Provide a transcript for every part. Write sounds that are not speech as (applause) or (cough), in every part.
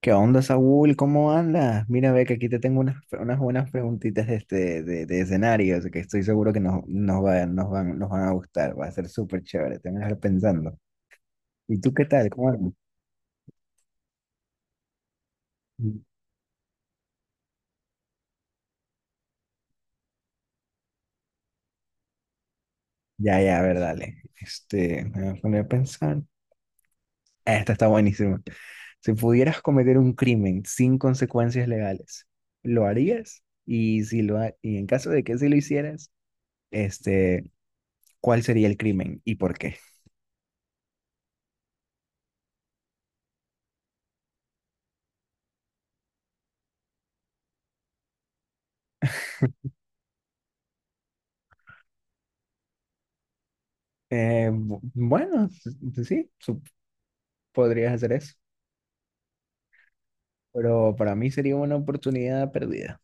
¿Qué onda, Saúl? ¿Cómo andas? Mira, ve que aquí te tengo unas buenas preguntitas de escenarios que estoy seguro que nos van a gustar. Va a ser súper chévere, te van a dejar pensando. ¿Y tú qué tal? ¿Cómo andas? Ya, ya, a ver, dale. Me voy a poner a pensar. Ah, esta está buenísima. Si pudieras cometer un crimen sin consecuencias legales, ¿lo harías? Y, si lo ha- y en caso de que sí lo hicieras, este, ¿cuál sería el crimen y por qué? Bueno, sí, podrías hacer eso, pero para mí sería una oportunidad perdida.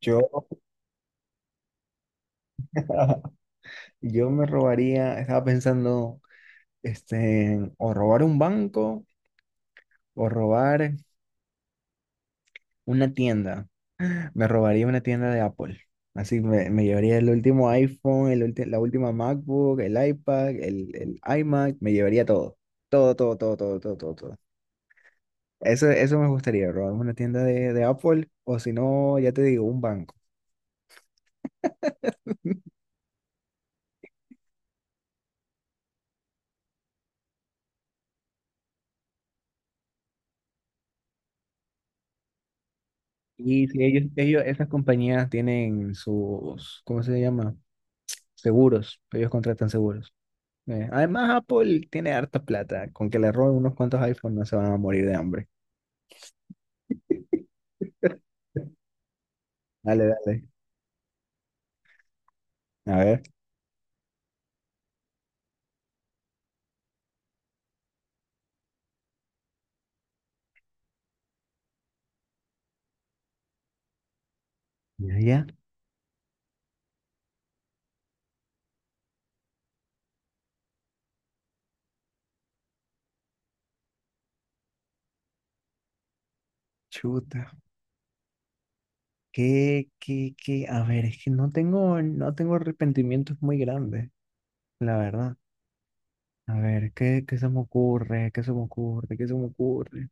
Yo, (laughs) yo me robaría, estaba pensando, o robar un banco o robar una tienda. Me robaría una tienda de Apple. Así me llevaría el último iPhone, la última MacBook, el iPad, el iMac, me llevaría todo. Todo, todo, todo, todo, todo, todo, todo. Eso me gustaría, robar una tienda de Apple o si no, ya te digo, un banco. Y si ellos, esas compañías tienen sus, ¿cómo se llama? Seguros, ellos contratan seguros. Además, Apple tiene harta plata, con que le roben unos cuantos iPhones no se van a morir de hambre. Dale, dale. A ver. Ya, ya. Chuta. ¿Qué, qué, qué? A ver, es que no tengo arrepentimientos muy grandes, la verdad. A ver, ¿qué se me ocurre? ¿Qué se me ocurre? ¿Qué se me ocurre?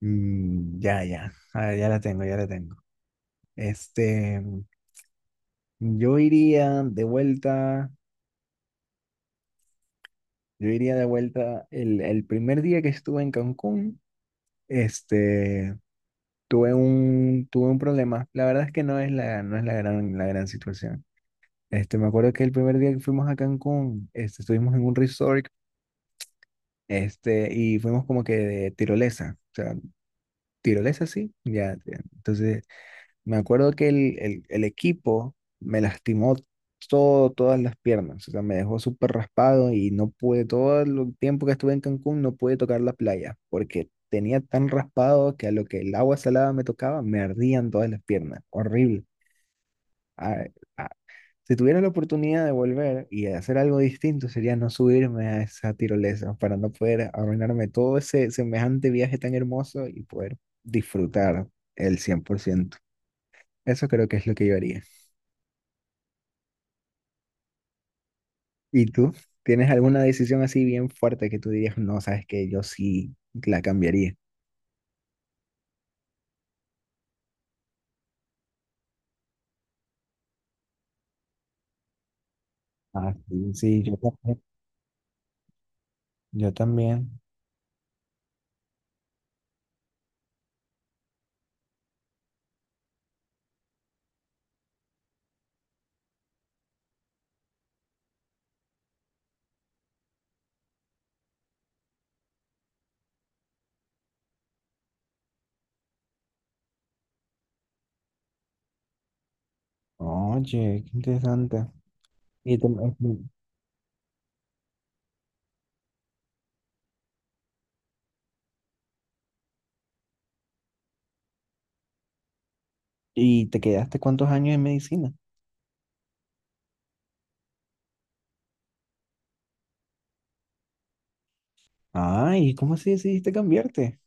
Ya, ya, a ver, ya la tengo, ya la tengo. Este, yo iría de vuelta, yo iría de vuelta el primer día que estuve en Cancún. este, Tuve un problema. La verdad es que no es la la gran situación. Me acuerdo que el primer día que fuimos a Cancún, estuvimos en un resort, y fuimos como que de tirolesa, o sea, tirolesa sí, ya, ya. Entonces me acuerdo que el equipo me lastimó todas las piernas, o sea, me dejó súper raspado y no pude, todo el tiempo que estuve en Cancún no pude tocar la playa, porque tenía tan raspado que a lo que el agua salada me tocaba, me ardían todas las piernas, horrible. Ah, ah, si tuviera la oportunidad de volver y hacer algo distinto, sería no subirme a esa tirolesa para no poder arruinarme todo ese semejante viaje tan hermoso y poder disfrutar el 100%. Eso creo que es lo que yo haría. ¿Y tú? ¿Tienes alguna decisión así bien fuerte que tú dirías, no, sabes que yo sí la cambiaría? Ah, sí, sí, yo también. Yo también. Oye, qué interesante. ¿Y y te quedaste cuántos años en medicina? Ay, ¿cómo así decidiste cambiarte?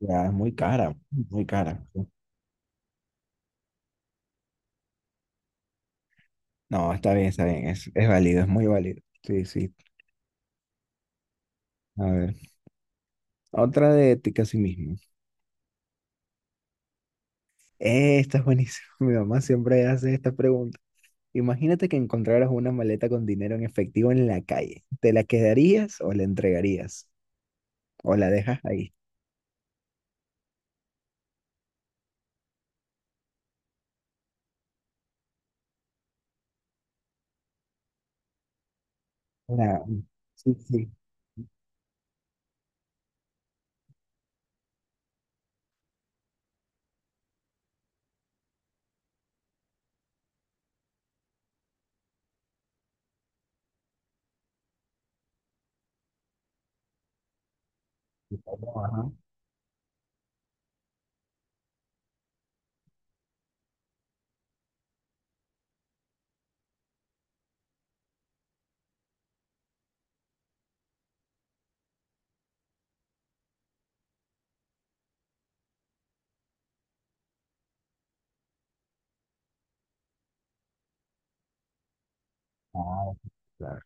Ya, es muy cara, muy cara, sí. No, está bien, es válido, es muy válido. Sí, sí. A ver, otra de ética a sí mismo. Esta es buenísima. (laughs) Mi mamá siempre hace estas preguntas. Imagínate que encontraras una maleta con dinero en efectivo en la calle. ¿Te la quedarías o la entregarías? ¿O la dejas ahí? Una- sí, sí. Ajá. Ah, claro.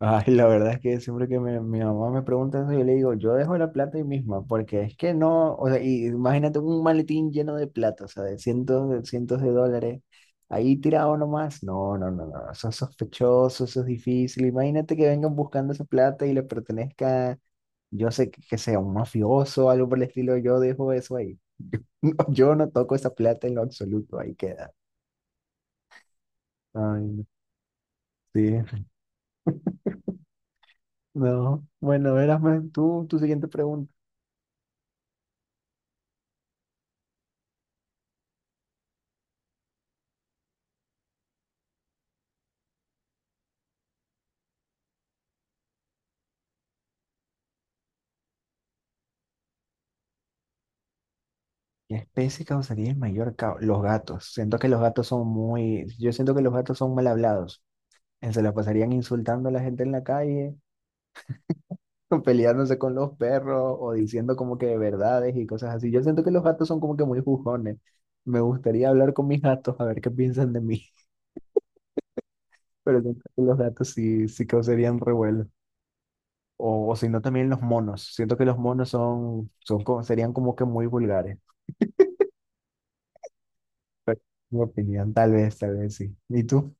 Ay, la verdad es que siempre que mi mamá me pregunta eso, yo le digo, yo dejo la plata ahí misma, porque es que no, o sea, y imagínate un maletín lleno de plata, o sea, de cientos de dólares, ahí tirado nomás. No, no, no, no, eso es sospechoso, eso es difícil. Imagínate que vengan buscando esa plata y le pertenezca. Yo sé que sea un mafioso o algo por el estilo, yo dejo eso ahí. (laughs) No, yo no toco esa plata en lo absoluto, ahí queda. Ay, no, sí. No, bueno, verás, man, tu siguiente pregunta. ¿Qué especie causaría el mayor caos? Los gatos. Siento que los gatos son muy, yo siento que los gatos son mal hablados. Se la pasarían insultando a la gente en la calle, (laughs) peleándose con los perros o diciendo como que verdades y cosas así. Yo siento que los gatos son como que muy jugones. Me gustaría hablar con mis gatos a ver qué piensan de mí. Pero yo creo que los gatos sí, sí causarían revuelo. O si no, también los monos. Siento que los monos son como- serían como que muy vulgares. Mi opinión, tal vez sí. ¿Y tú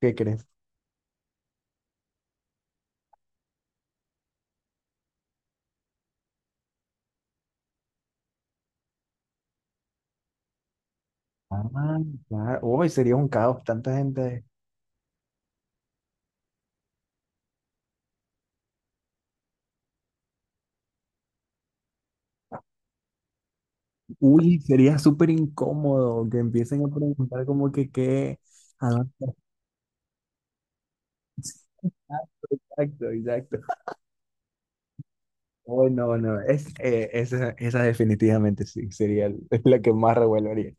qué crees? Ah, claro. Uy, sería un caos, tanta gente. Uy, sería súper incómodo que empiecen a preguntar como que qué, a dónde estás. Exacto, exacto. (laughs) Uy, no, no. Es, esa definitivamente sí, sería (laughs) la que más revuelo haría.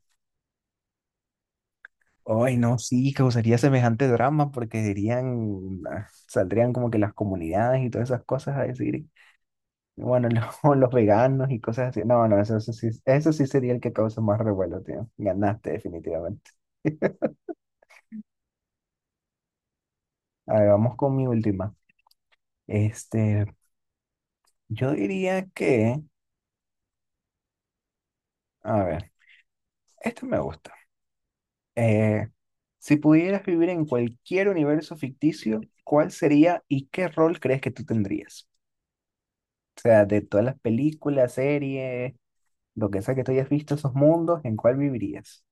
Ay, no, sí, causaría semejante drama porque dirían, ah, saldrían como que las comunidades y todas esas cosas a decir, bueno, los, (laughs) los veganos y cosas así. No, no, eso sí sería el que causa más revuelo, tío. Ganaste definitivamente. (laughs) A ver, vamos con mi última. Este, yo diría que, a ver, esto me gusta. Eh, si pudieras vivir en cualquier universo ficticio, ¿cuál sería y qué rol crees que tú tendrías? O sea, de todas las películas, series, lo que sea que tú hayas visto esos mundos, ¿en cuál vivirías?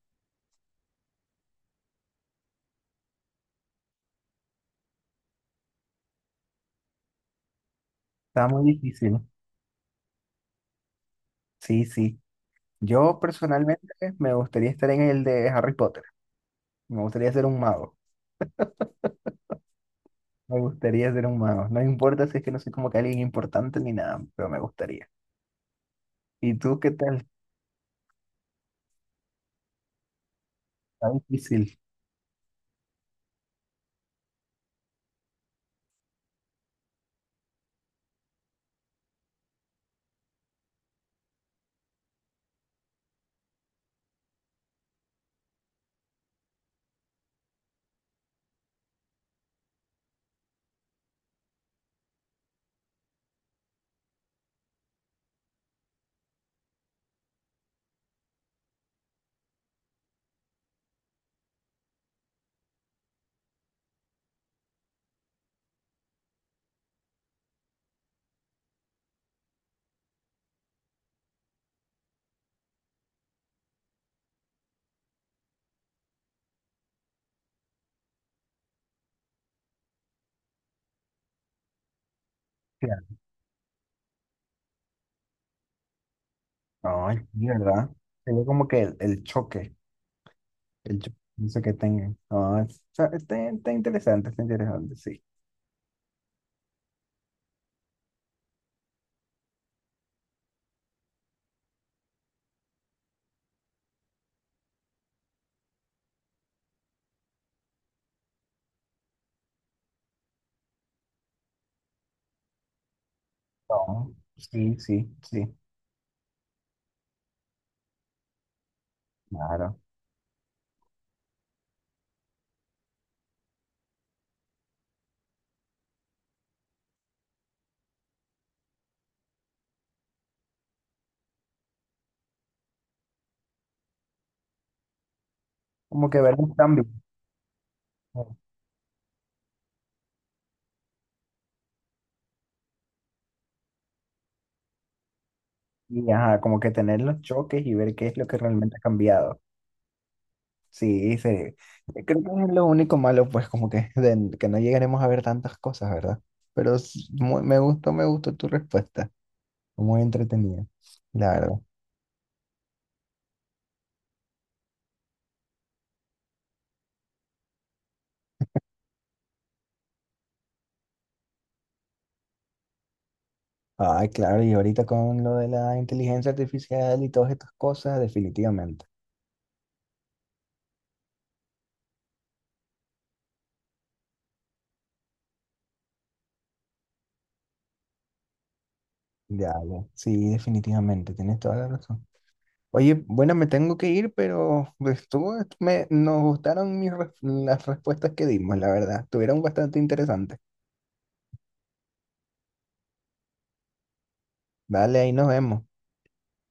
Está muy difícil. Sí, sí. Yo personalmente me gustaría estar en el de Harry Potter. Me gustaría ser un mago. Me gustaría ser un mago. No importa si es que no soy como que alguien importante ni nada, pero me gustaría. ¿Y tú qué tal? Está difícil. Claro. Ay, sí, ¿verdad? Sería como que el choque. El choque. No sé qué tengan. Ah, o sea está interesante, sí. No, sí, sí, sí. Claro. Como que ver un cambio. Y ajá, como que tener los choques y ver qué es lo que realmente ha cambiado. Sí, sí. Creo que es lo único malo, pues, que no llegaremos a ver tantas cosas, ¿verdad? Pero me gustó tu respuesta. Muy entretenida, la verdad. Ay, claro, y ahorita con lo de la inteligencia artificial y todas estas cosas, definitivamente. Ya, ya. Sí, definitivamente. Tienes toda la razón. Oye, bueno, me tengo que ir, pero pues, nos gustaron las respuestas que dimos, la verdad. Estuvieron bastante interesantes. Vale, ahí nos vemos.